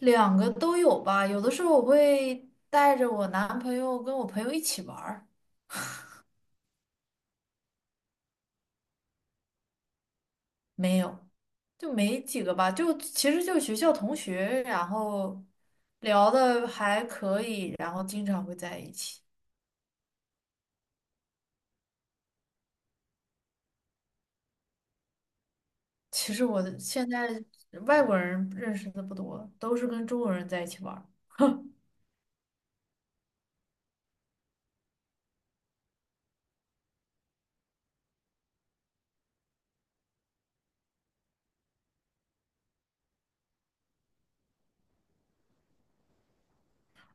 两个都有吧，有的时候我会带着我男朋友跟我朋友一起玩儿。没有，就没几个吧，就其实就学校同学，然后聊的还可以，然后经常会在一起。其实我的现在外国人认识的不多，都是跟中国人在一起玩儿。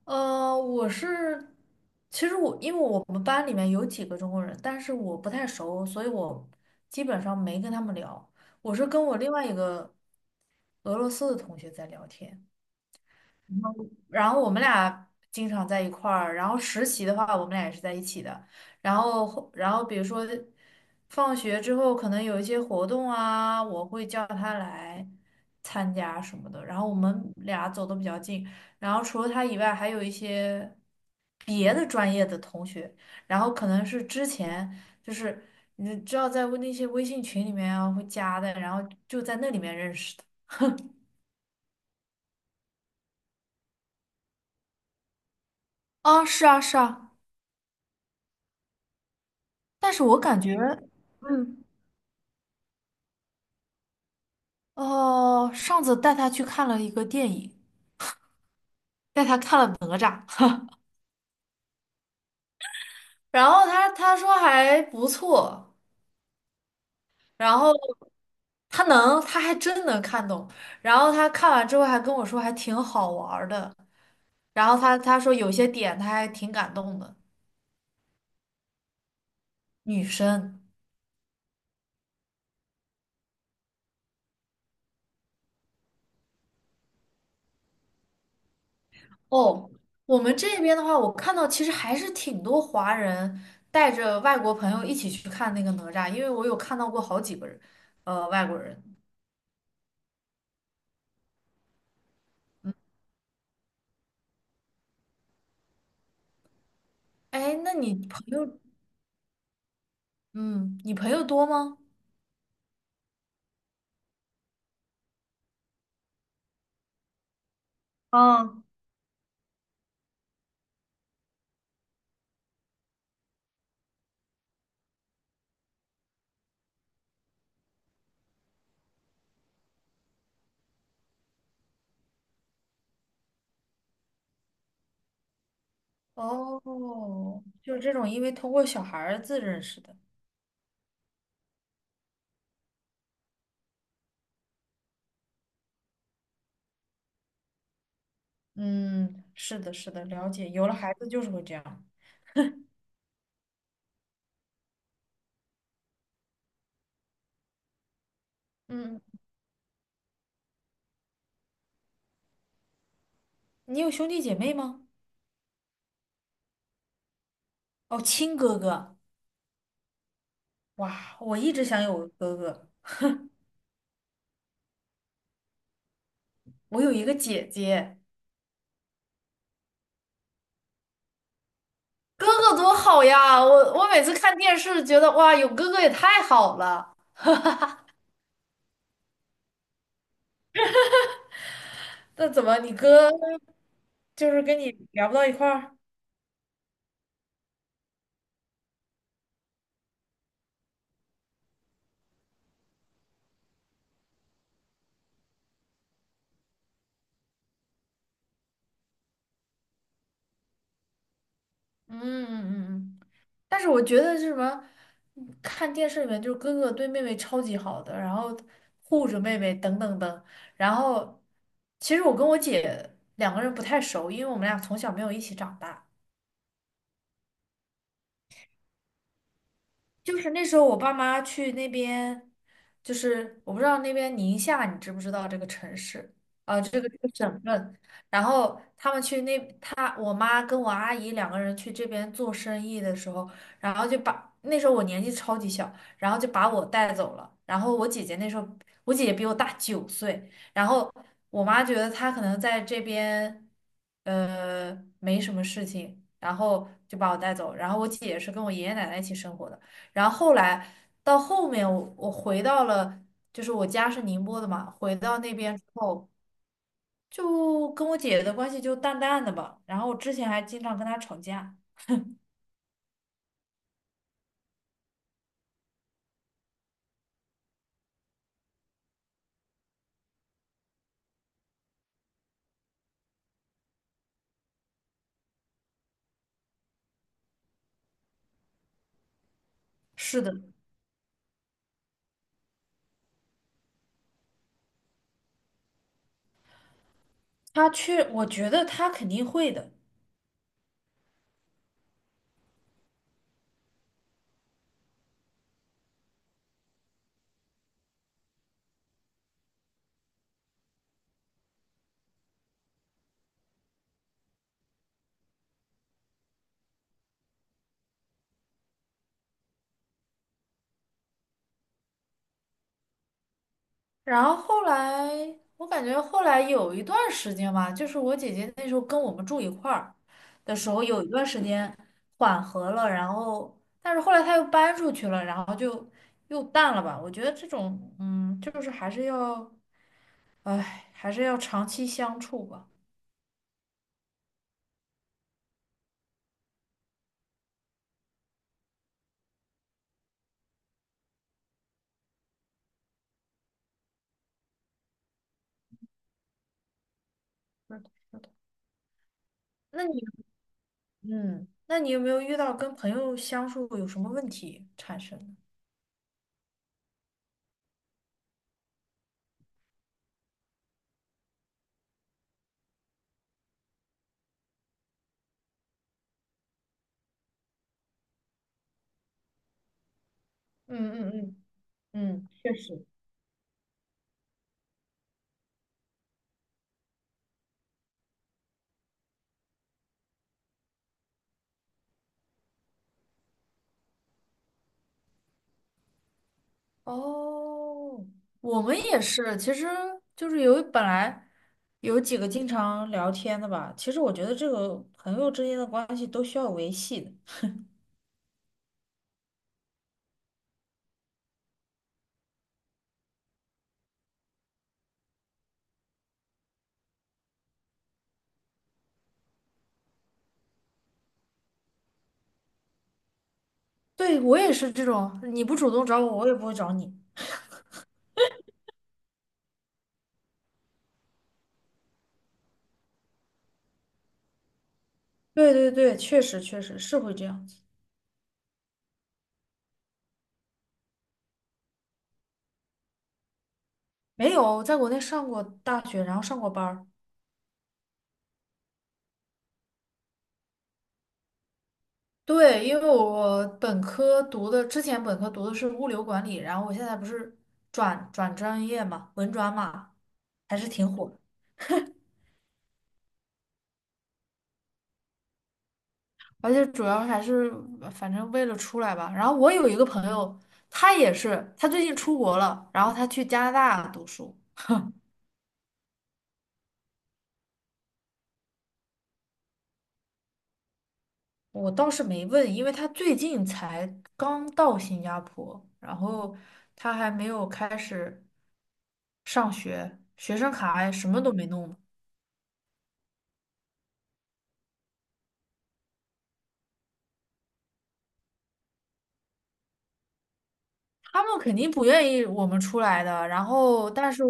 我是，其实我因为我们班里面有几个中国人，但是我不太熟，所以我基本上没跟他们聊。我是跟我另外一个俄罗斯的同学在聊天，然后我们俩经常在一块儿，然后实习的话，我们俩也是在一起的，然后比如说放学之后可能有一些活动啊，我会叫他来参加什么的，然后我们俩走的比较近，然后除了他以外，还有一些别的专业的同学，然后可能是之前就是你知道在那些微信群里面啊会加的，然后就在那里面认识的。啊，是啊，是啊。但是我感觉，嗯，哦，上次带他去看了一个电影，带他看了哪吒，然后他说还不错，然后他能，他还真能看懂，然后他看完之后还跟我说还挺好玩儿的，然后他说有些点他还挺感动的。女生。哦，我们这边的话，我看到其实还是挺多华人带着外国朋友一起去看那个哪吒，因为我有看到过好几个人，外国人。哎，那你朋友，嗯，你朋友多吗？啊，哦，就是这种，因为通过小孩子认识的。嗯，是的，是的，了解。有了孩子就是会这样。嗯，你有兄弟姐妹吗？哦，亲哥哥。哇，我一直想有个哥哥。我有一个姐姐。哥哥多好呀！我每次看电视觉得哇，有哥哥也太好了。那怎么你哥就是跟你聊不到一块儿？嗯嗯嗯嗯。但是我觉得是什么，看电视里面就是哥哥对妹妹超级好的，然后护着妹妹等等等，然后其实我跟我姐两个人不太熟，因为我们俩从小没有一起长大。就是那时候我爸妈去那边，就是我不知道那边宁夏，你知不知道这个城市？啊、这个省份。然后他们去那，他我妈跟我阿姨两个人去这边做生意的时候，然后就把那时候我年纪超级小，然后就把我带走了。然后我姐姐那时候，我姐姐比我大9岁，然后我妈觉得她可能在这边，没什么事情，然后就把我带走。然后我姐也是跟我爷爷奶奶一起生活的。然后后来到后面我，我回到了，就是我家是宁波的嘛，回到那边之后，就跟我姐姐的关系就淡淡的吧。然后我之前还经常跟她吵架。是的，她去，我觉得她肯定会的。然后后来，我感觉后来有一段时间吧，就是我姐姐那时候跟我们住一块儿的时候，有一段时间缓和了，然后但是后来她又搬出去了，然后就又淡了吧。我觉得这种，嗯，就是还是要。哎，还是要长期相处吧。是的，是的。那你，有没有遇到跟朋友相处有什么问题产生的嗯嗯嗯，嗯，确实。哦，我们也是，其实就是有本来有几个经常聊天的吧。其实我觉得这个朋友之间的关系都需要维系的。对，我也是这种，你不主动找我，我也不会找你。对对对，确实确实是会这样子。没有，在国内上过大学，然后上过班儿。对，因为我本科读的，之前本科读的是物流管理，然后我现在不是转专业嘛，文转嘛，还是挺火的。而且主要还是反正为了出来吧。然后我有一个朋友，他也是，他最近出国了，然后他去加拿大读书。我倒是没问，因为他最近才刚到新加坡，然后他还没有开始上学，学生卡什么都没弄。他们肯定不愿意我们出来的，然后但是，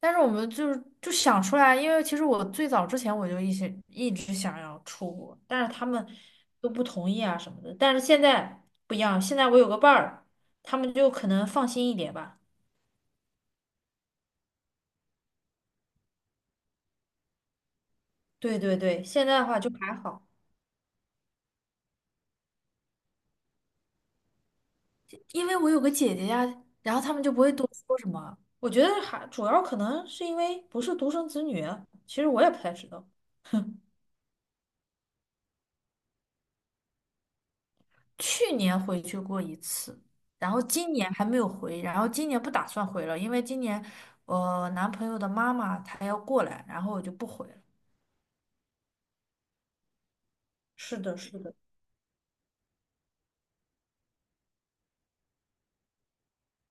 但是我们就是就想出来，因为其实我最早之前我就一直想要出国，但是他们都不同意啊什么的。但是现在不一样，现在我有个伴儿，他们就可能放心一点吧。对对对，现在的话就还好，因为我有个姐姐呀，然后他们就不会多说什么。我觉得还主要可能是因为不是独生子女啊，其实我也不太知道。去年回去过一次，然后今年还没有回，然后今年不打算回了，因为今年我男朋友的妈妈她要过来，然后我就不回了。是的，是的，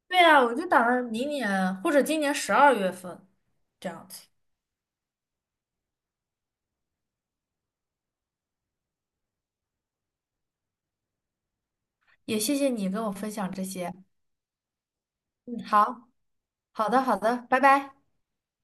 对呀，我就打算明年或者今年12月份这样子。也谢谢你跟我分享这些。嗯，好，好的，好的，拜拜。